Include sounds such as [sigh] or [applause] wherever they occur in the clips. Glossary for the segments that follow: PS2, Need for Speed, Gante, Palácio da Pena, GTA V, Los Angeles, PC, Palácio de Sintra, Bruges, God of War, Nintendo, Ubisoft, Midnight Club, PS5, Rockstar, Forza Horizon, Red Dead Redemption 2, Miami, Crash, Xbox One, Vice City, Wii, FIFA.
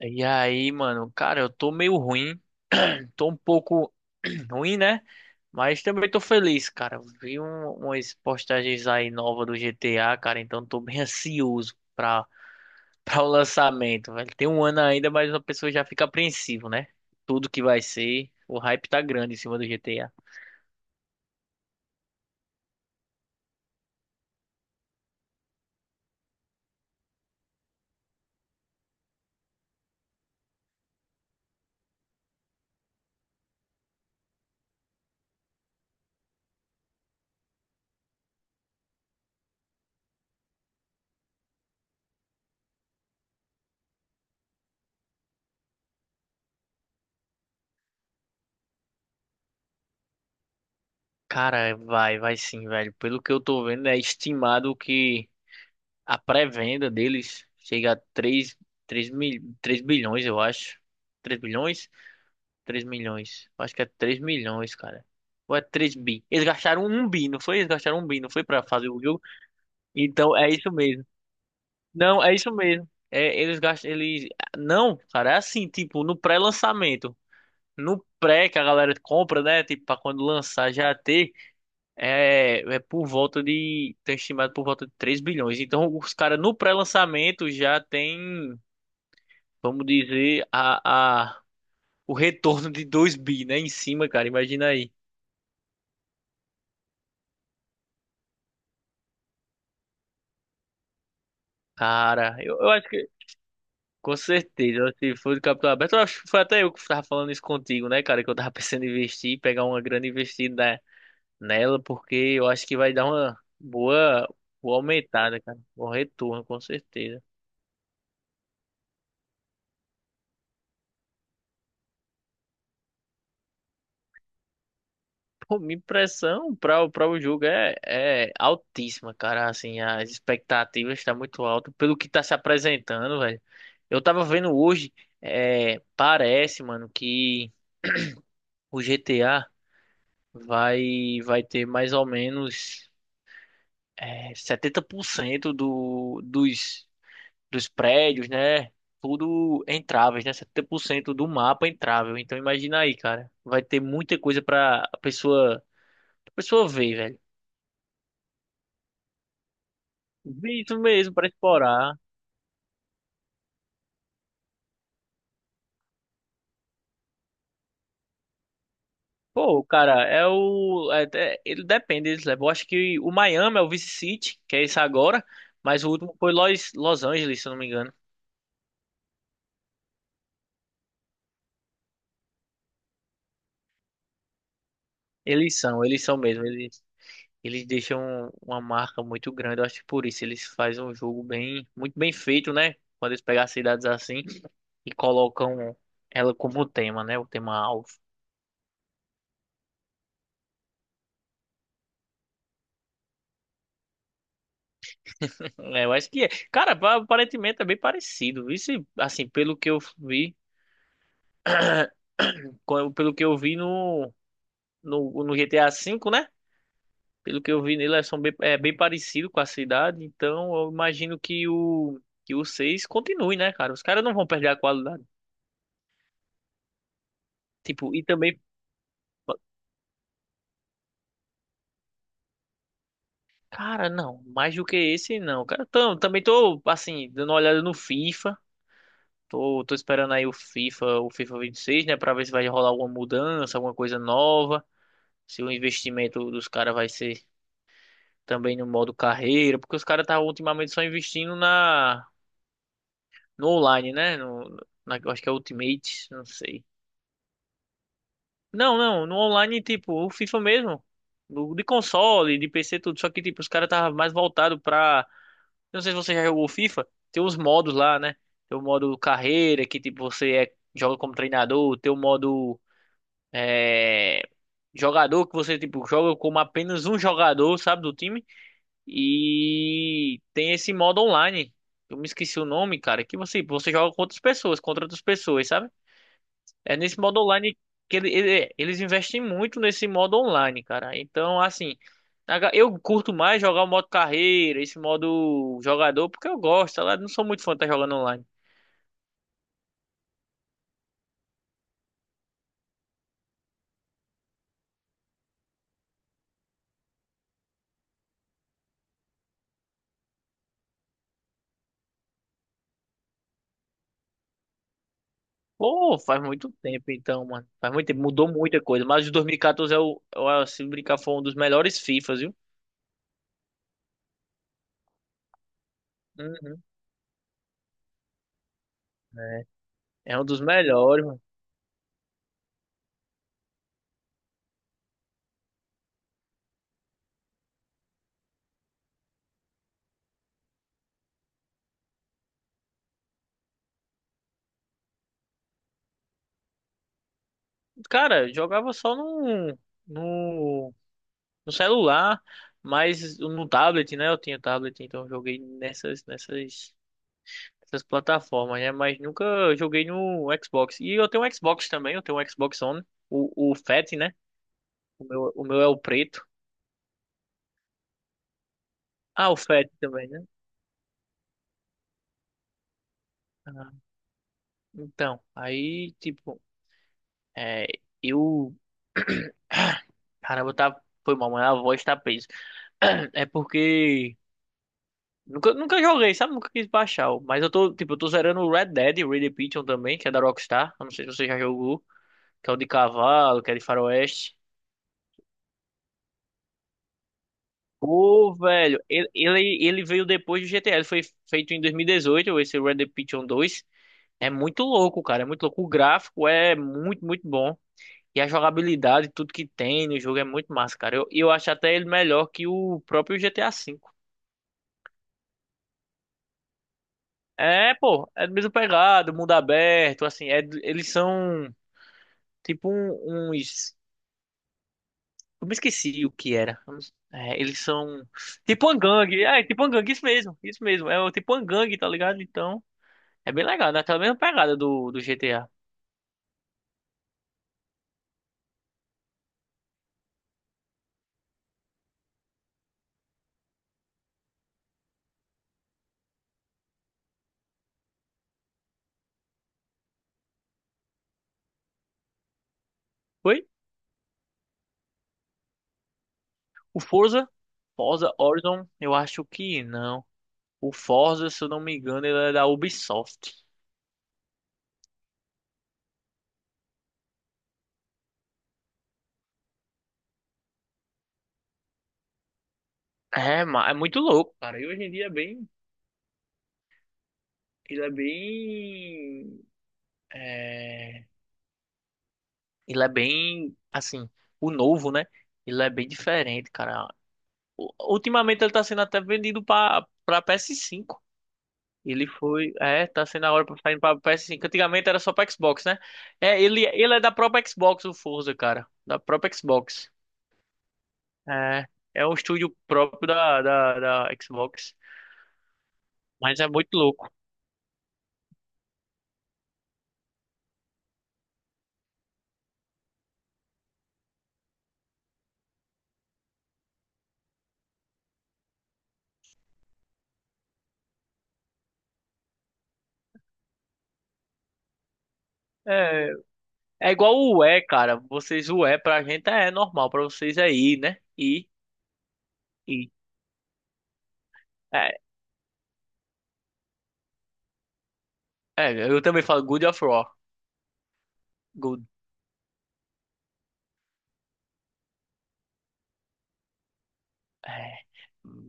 E aí, mano, cara, eu tô meio ruim. [clears throat] Tô um pouco [clears throat] ruim, né? Mas também tô feliz, cara. Vi umas postagens aí novas do GTA, cara, então tô bem ansioso [laughs] pra o lançamento, velho. Tem um ano ainda, mas a pessoa já fica apreensivo, né? Tudo que vai ser. O hype tá grande em cima do GTA. Cara, vai sim, velho. Pelo que eu tô vendo, é estimado que a pré-venda deles chega a 3 3 mil, 3 bilhões, eu acho. 3 bilhões? Três milhões. Eu acho que é 3 milhões, cara. Ou é 3 bi? Eles gastaram um bi, não foi? Eles gastaram um bi, não foi pra fazer o jogo? Então é isso mesmo. Não, é isso mesmo. É, eles gastam, eles. Não, cara, é assim, tipo, no pré-lançamento. No pré que a galera compra, né? Tipo, pra quando lançar já ter. É por volta de. Tem estimado por volta de 3 bilhões. Então, os caras no pré-lançamento já tem, vamos dizer, o retorno de 2 bi, né? Em cima, cara. Imagina aí. Cara, eu acho que, com certeza, se for de capital aberto, eu acho que foi até eu que tava falando isso contigo, né, cara? Que eu tava [laughs] pensando em investir, pegar uma grande investida nela, porque eu acho que vai dar uma boa, boa aumentada, cara. Bom retorno, com certeza. Pô, minha impressão para o pra o jogo é altíssima, cara. Assim, as expectativas estão muito altas pelo que tá se apresentando, velho. Eu tava vendo hoje, é, parece, mano, que o GTA. Vai ter mais ou menos 70% dos prédios, né? Tudo entráveis, né? 70% do mapa entrável. Então imagina aí, cara. Vai ter muita coisa pra a pessoa ver, velho. Ver isso mesmo, pra explorar. Pô, cara, é o. Ele depende, eles levam. Eu acho que o Miami é o Vice City, que é isso agora. Mas o último foi Los Angeles, se eu não me engano. Eles são mesmo. Eles deixam uma marca muito grande. Eu acho que por isso eles fazem um jogo bem, muito bem feito, né? Quando eles pegam as cidades assim e colocam ela como tema, né? O tema alvo. [laughs] É, eu acho que é. Cara, aparentemente é bem parecido. Isso, assim, pelo que eu vi, pelo que eu vi no GTA V, né? Pelo que eu vi nele, elas são bem, é bem parecido com a cidade. Então, eu imagino que o 6 continue, né, cara? Os caras não vão perder a qualidade. Tipo, e também. Cara, não, mais do que esse, não. Cara, também tô, assim, dando uma olhada no FIFA. Tô esperando aí o FIFA 26, né, pra ver se vai rolar alguma mudança, alguma coisa nova. Se o investimento dos caras vai ser também no modo carreira, porque os caras tá ultimamente só investindo na no online, né? No, na, Eu acho que é Ultimate, não sei. Não, não, no online, tipo, o FIFA mesmo. No, de console, de PC, tudo. Só que, tipo, os caras tava mais voltado pra. Eu não sei se você já jogou FIFA, tem os modos lá, né? Tem o modo carreira, que tipo, você joga como treinador, tem o modo é, jogador, que você tipo, joga como apenas um jogador, sabe, do time. E tem esse modo online. Eu me esqueci o nome, cara, que você joga com outras pessoas, contra outras pessoas, sabe? É nesse modo online que eles investem muito nesse modo online, cara. Então, assim, eu curto mais jogar o modo carreira, esse modo jogador, porque eu gosto. Eu não sou muito fã de estar jogando online. Pô, faz muito tempo então, mano. Faz muito tempo, mudou muita coisa. Mas o 2014 é se brincar, foi um dos melhores FIFAs, viu? Uhum. É, é um dos melhores, mano. Cara, eu jogava só no, no celular, mas no tablet, né? Eu tinha tablet, então eu joguei nessas, nessas. Essas plataformas, né? Mas nunca joguei no Xbox. E eu tenho um Xbox também, eu tenho um Xbox One, o Fat, né? O meu é o preto. Ah, o Fat também, né? Ah, então, aí, tipo, é, eu. [clears throat] Caramba, tá. Foi mal, mas a voz tá presa. [clears throat] É porque. Nunca, nunca joguei, sabe? Nunca quis baixar. Mas eu tô, tipo, eu tô zerando o Red Dead Redemption também, que é da Rockstar. Eu não sei se você já jogou. Que é o de cavalo, que é de faroeste. Pô, velho, ele veio depois do GTA, ele foi feito em 2018, esse Red Dead Redemption 2. É muito louco, cara, é muito louco. O gráfico é muito, muito bom. E a jogabilidade, tudo que tem no jogo é muito massa, cara. Eu acho até ele melhor que o próprio GTA V. É, pô, é do mesmo pegado, mundo aberto, assim, eles são tipo uns... Eu me esqueci o que era. É, eles são tipo uma gangue, é, tipo uma gangue, isso mesmo, isso mesmo. É o tipo uma gangue, tá ligado? Então... É bem legal, né? Aquela mesma pegada do GTA. Oi. O Forza Horizon, eu acho que não. O Forza, se eu não me engano, ele é da Ubisoft. É, é muito louco, cara. E hoje em dia é bem. Ele é bem. É... Ele é bem. Assim, o novo, né? Ele é bem diferente, cara. Ultimamente ele tá sendo até vendido pra PS5. Ele foi. É, tá sendo a hora pra sair pra PS5. Antigamente era só pra Xbox, né? É, ele é da própria Xbox, o Forza, cara. Da própria Xbox. É, é um estúdio próprio da Xbox. Mas é muito louco. É, é igual o U E, cara. Vocês, o Wii pra gente é normal, pra vocês é I, né? I, I. É, é, eu também falo Good of War. Good. É,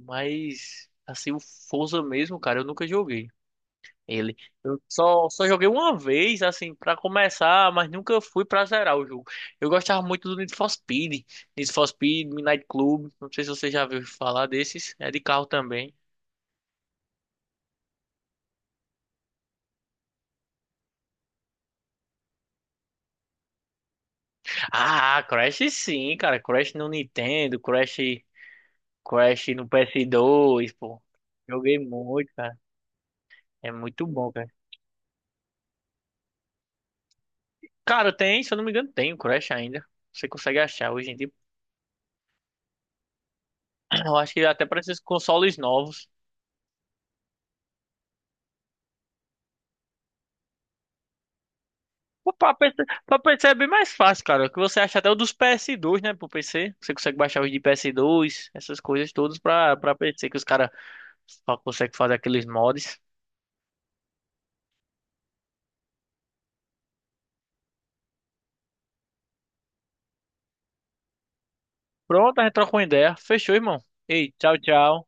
mas, assim, o Forza mesmo, cara, eu nunca joguei. Ele. Eu só joguei uma vez, assim, pra começar, mas nunca fui pra zerar o jogo. Eu gostava muito do Need for Speed. Need for Speed, Midnight Club. Não sei se você já viu falar desses. É de carro também. Ah, Crash sim, cara. Crash no Nintendo, Crash no PS2, pô. Joguei muito, cara. É muito bom, cara. Cara, tem, se eu não me engano, tem o Crash ainda. Você consegue achar hoje em dia. [clears throat] Eu acho que até para esses consoles novos. O pra PC, Pra PC é bem mais fácil, cara. Que você acha até o dos PS2, né? Pro PC. Você consegue baixar os de PS2, essas coisas todas pra PC, que os caras só conseguem fazer aqueles mods. Pronto, a gente troca uma ideia. Fechou, irmão. Ei, tchau, tchau.